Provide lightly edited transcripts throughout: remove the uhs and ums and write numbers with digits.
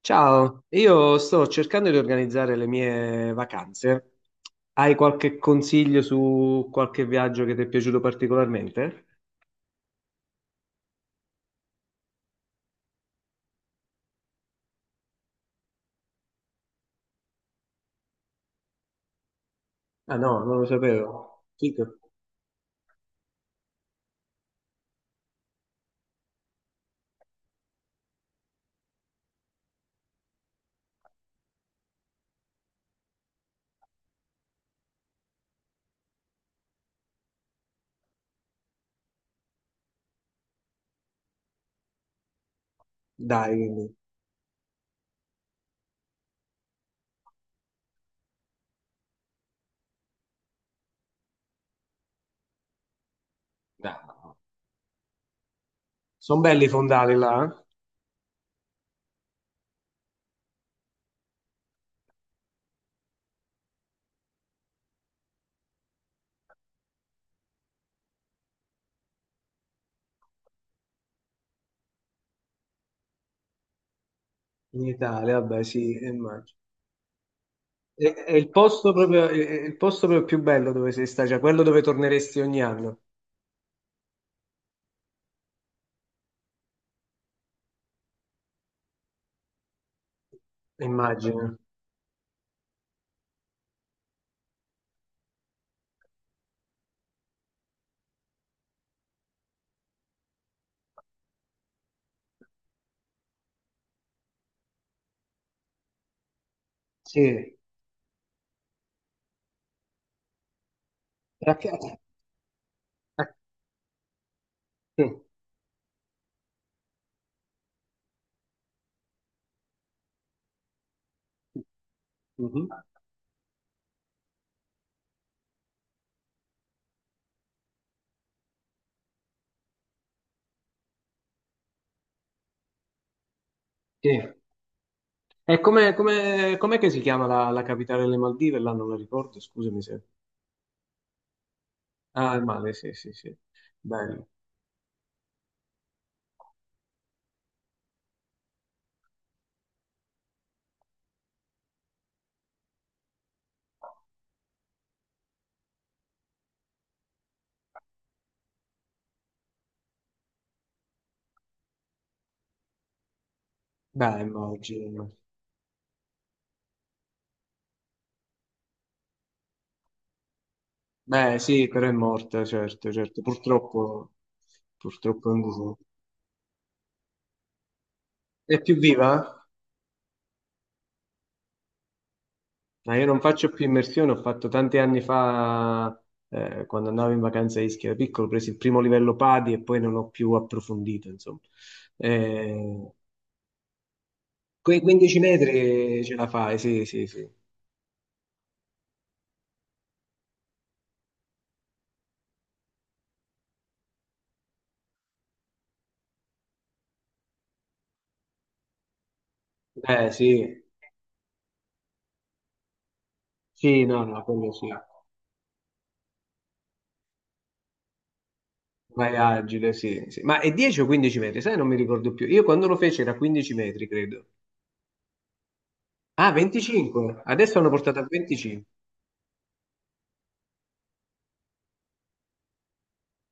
Ciao, io sto cercando di organizzare le mie vacanze. Hai qualche consiglio su qualche viaggio che ti è piaciuto particolarmente? Ah no, non lo sapevo. Fico. Dai, quindi. Sono belli i fondali là, eh? In Italia, vabbè sì, e immagino. È il posto proprio, è il posto proprio più bello dove sei stato, cioè quello dove torneresti ogni anno, immagino. Sì. E a che- a- sì. Mhm. Sì. E com'è che si chiama la capitale delle Maldive? Là non la ricordo, scusami se... Ah, è Male, sì, sì, sì. Bello. Beh, immagino. Beh, sì, però è morta, certo, certo. Purtroppo, purtroppo è un disastro. È più viva? Ma io non faccio più immersione, ho fatto tanti anni fa, quando andavo in vacanza a Ischia da piccolo, ho preso il primo livello PADI e poi non ho più approfondito, insomma. Eh, Quei 15 metri ce la fai, sì, sì, sì. Sì. Sì, no, no, quello sì. Vai agile, sì, sì. Ma è 10 o 15 metri? Sai, non mi ricordo più. Io quando lo feci era 15 metri, credo. Ah, 25. Adesso hanno portato a 25.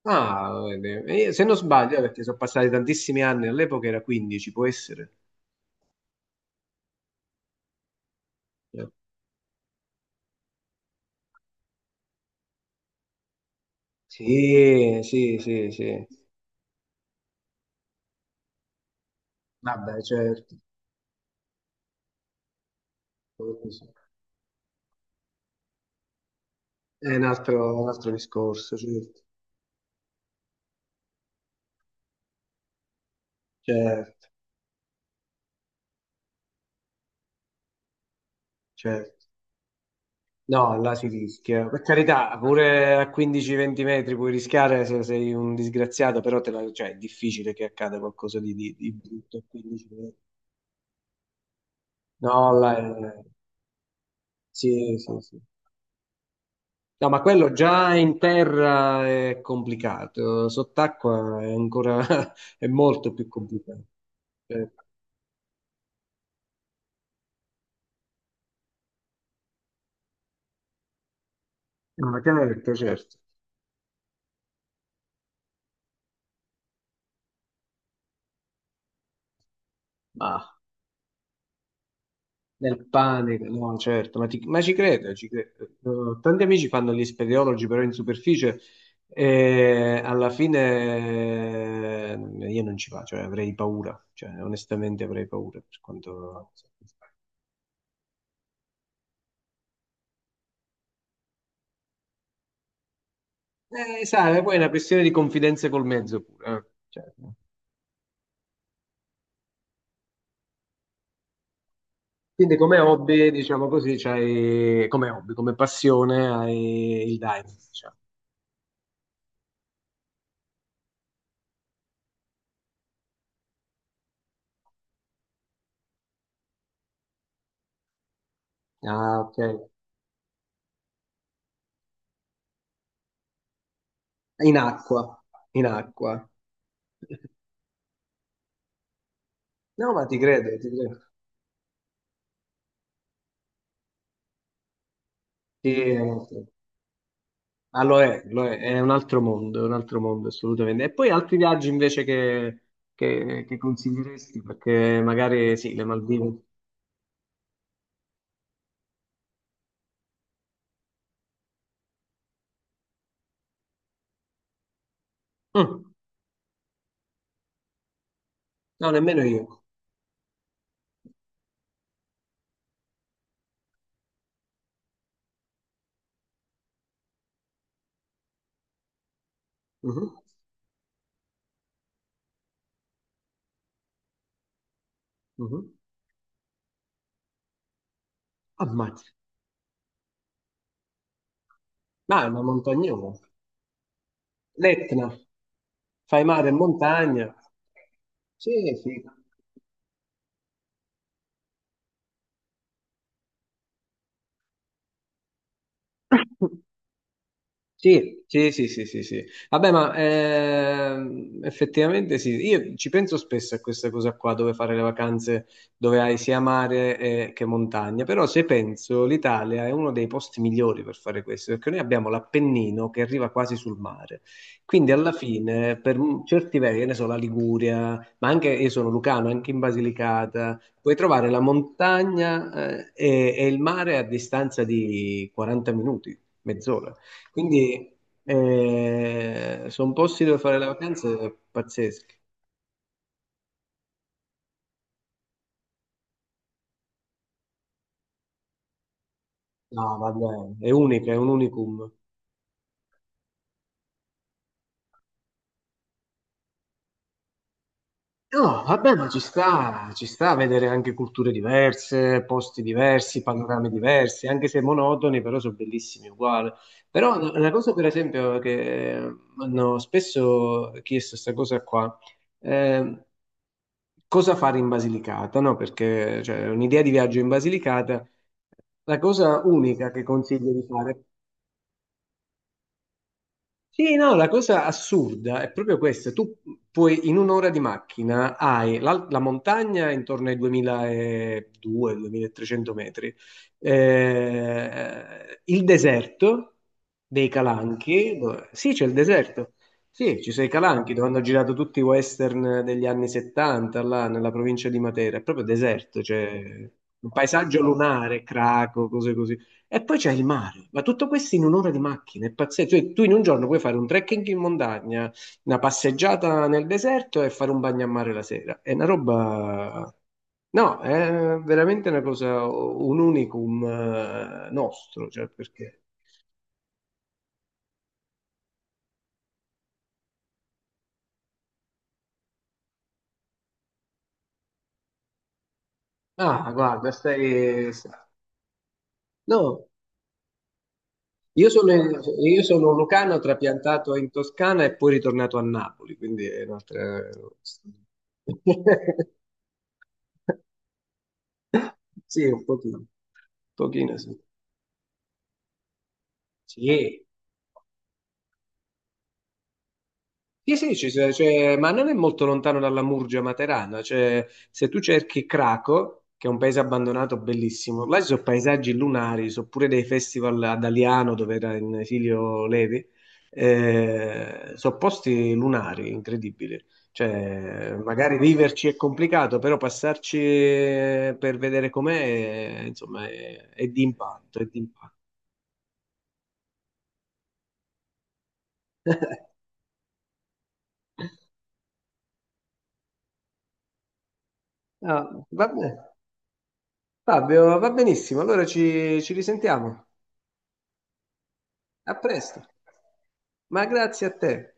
Ah, vedi. E io, se non sbaglio, perché sono passati tantissimi anni, all'epoca era 15, può essere. Eh. Sì, sì, sì, sì. Vabbè, certo. È un altro discorso, certo. Certo, certo. No, là si rischia. Per carità, pure a 15-20 metri puoi rischiare se sei un disgraziato, però cioè, è difficile che accada qualcosa di brutto a 15 metri. No, là è- Sì, sì, sì. No, ma quello già in terra è complicato, sott'acqua è ancora è molto più complicato. Certo. No, ma certo, certo. Ma nel panico, no, certo, ma ci credo, ci credo. Tanti amici fanno gli speleologi, però in superficie e alla fine io non ci vado, cioè avrei paura, cioè onestamente avrei paura per quanto... Sai, poi è una questione di confidenza col mezzo pure. Eh. Cioè, quindi come hobby, diciamo così, c'hai, come hobby, come passione hai il diving, diciamo. Ah, ok. In acqua, in acqua. No, ma ti credo, ti credo. Sì, è un altro- ah, lo è un altro mondo, è un altro mondo assolutamente. E poi altri viaggi invece che consiglieresti, perché magari sì, le Maldive. Mm, no, nemmeno io. Mhm, mhm. Ammazza. Ma è una montagnola. L'Etna, fai mare e montagna. Sì, sì. Sì, sì, sì, sì, sì, sì. Vabbè, ma effettivamente sì, io ci penso spesso a questa cosa qua, dove fare le vacanze, dove hai sia mare che montagna, però se penso l'Italia è uno dei posti migliori per fare questo, perché noi abbiamo l'Appennino che arriva quasi sul mare, quindi alla fine certi versi, che ne so, la Liguria, ma anche io sono lucano, anche in Basilicata, puoi trovare la montagna e il mare a distanza di 40 minuti, mezz'ora. Quindi sono posti dove fare le vacanze pazzeschi. No, vabbè, è unica, è un unicum. No, vabbè, ma ci sta a vedere anche culture diverse, posti diversi, panorami diversi, anche se monotoni, però sono bellissimi uguali. Però una cosa, per esempio, che mi hanno spesso chiesto questa cosa qua, eh, cosa fare in Basilicata, no? Perché cioè, un'idea di viaggio in Basilicata, la cosa unica che consiglio di fare sì, no, la cosa assurda è proprio questa. Tu puoi in un'ora di macchina hai la montagna intorno ai 2200-2300 metri, il deserto dei Calanchi, sì c'è il deserto, sì ci sono i Calanchi dove hanno girato tutti i western degli anni 70 là nella provincia di Matera, è proprio deserto, cioè un paesaggio lunare, Craco, cose così. E poi c'è il mare, ma tutto questo in un'ora di macchina, è pazzesco. Cioè, tu in un giorno puoi fare un trekking in montagna, una passeggiata nel deserto e fare un bagno a mare la sera. È una roba... No, è veramente una cosa, un unicum nostro, cioè perché... Ah, guarda, stai... No, io sono, io sono un lucano, trapiantato in Toscana e poi ritornato a Napoli, quindi è un'altra... sì, un pochino sì. Sì, sì, sì, cioè, ma non è molto lontano dalla Murgia Materana, cioè, se tu cerchi Craco, che è un paese abbandonato bellissimo, là ci sono paesaggi lunari, ci sono pure dei festival ad Aliano dove era in esilio Levi, sono posti lunari, incredibili, cioè, magari viverci è complicato, però passarci per vedere com'è, insomma, è di impatto, è di impatto. Ah, va bene, Fabio, va benissimo, allora ci risentiamo. A presto, ma grazie a te.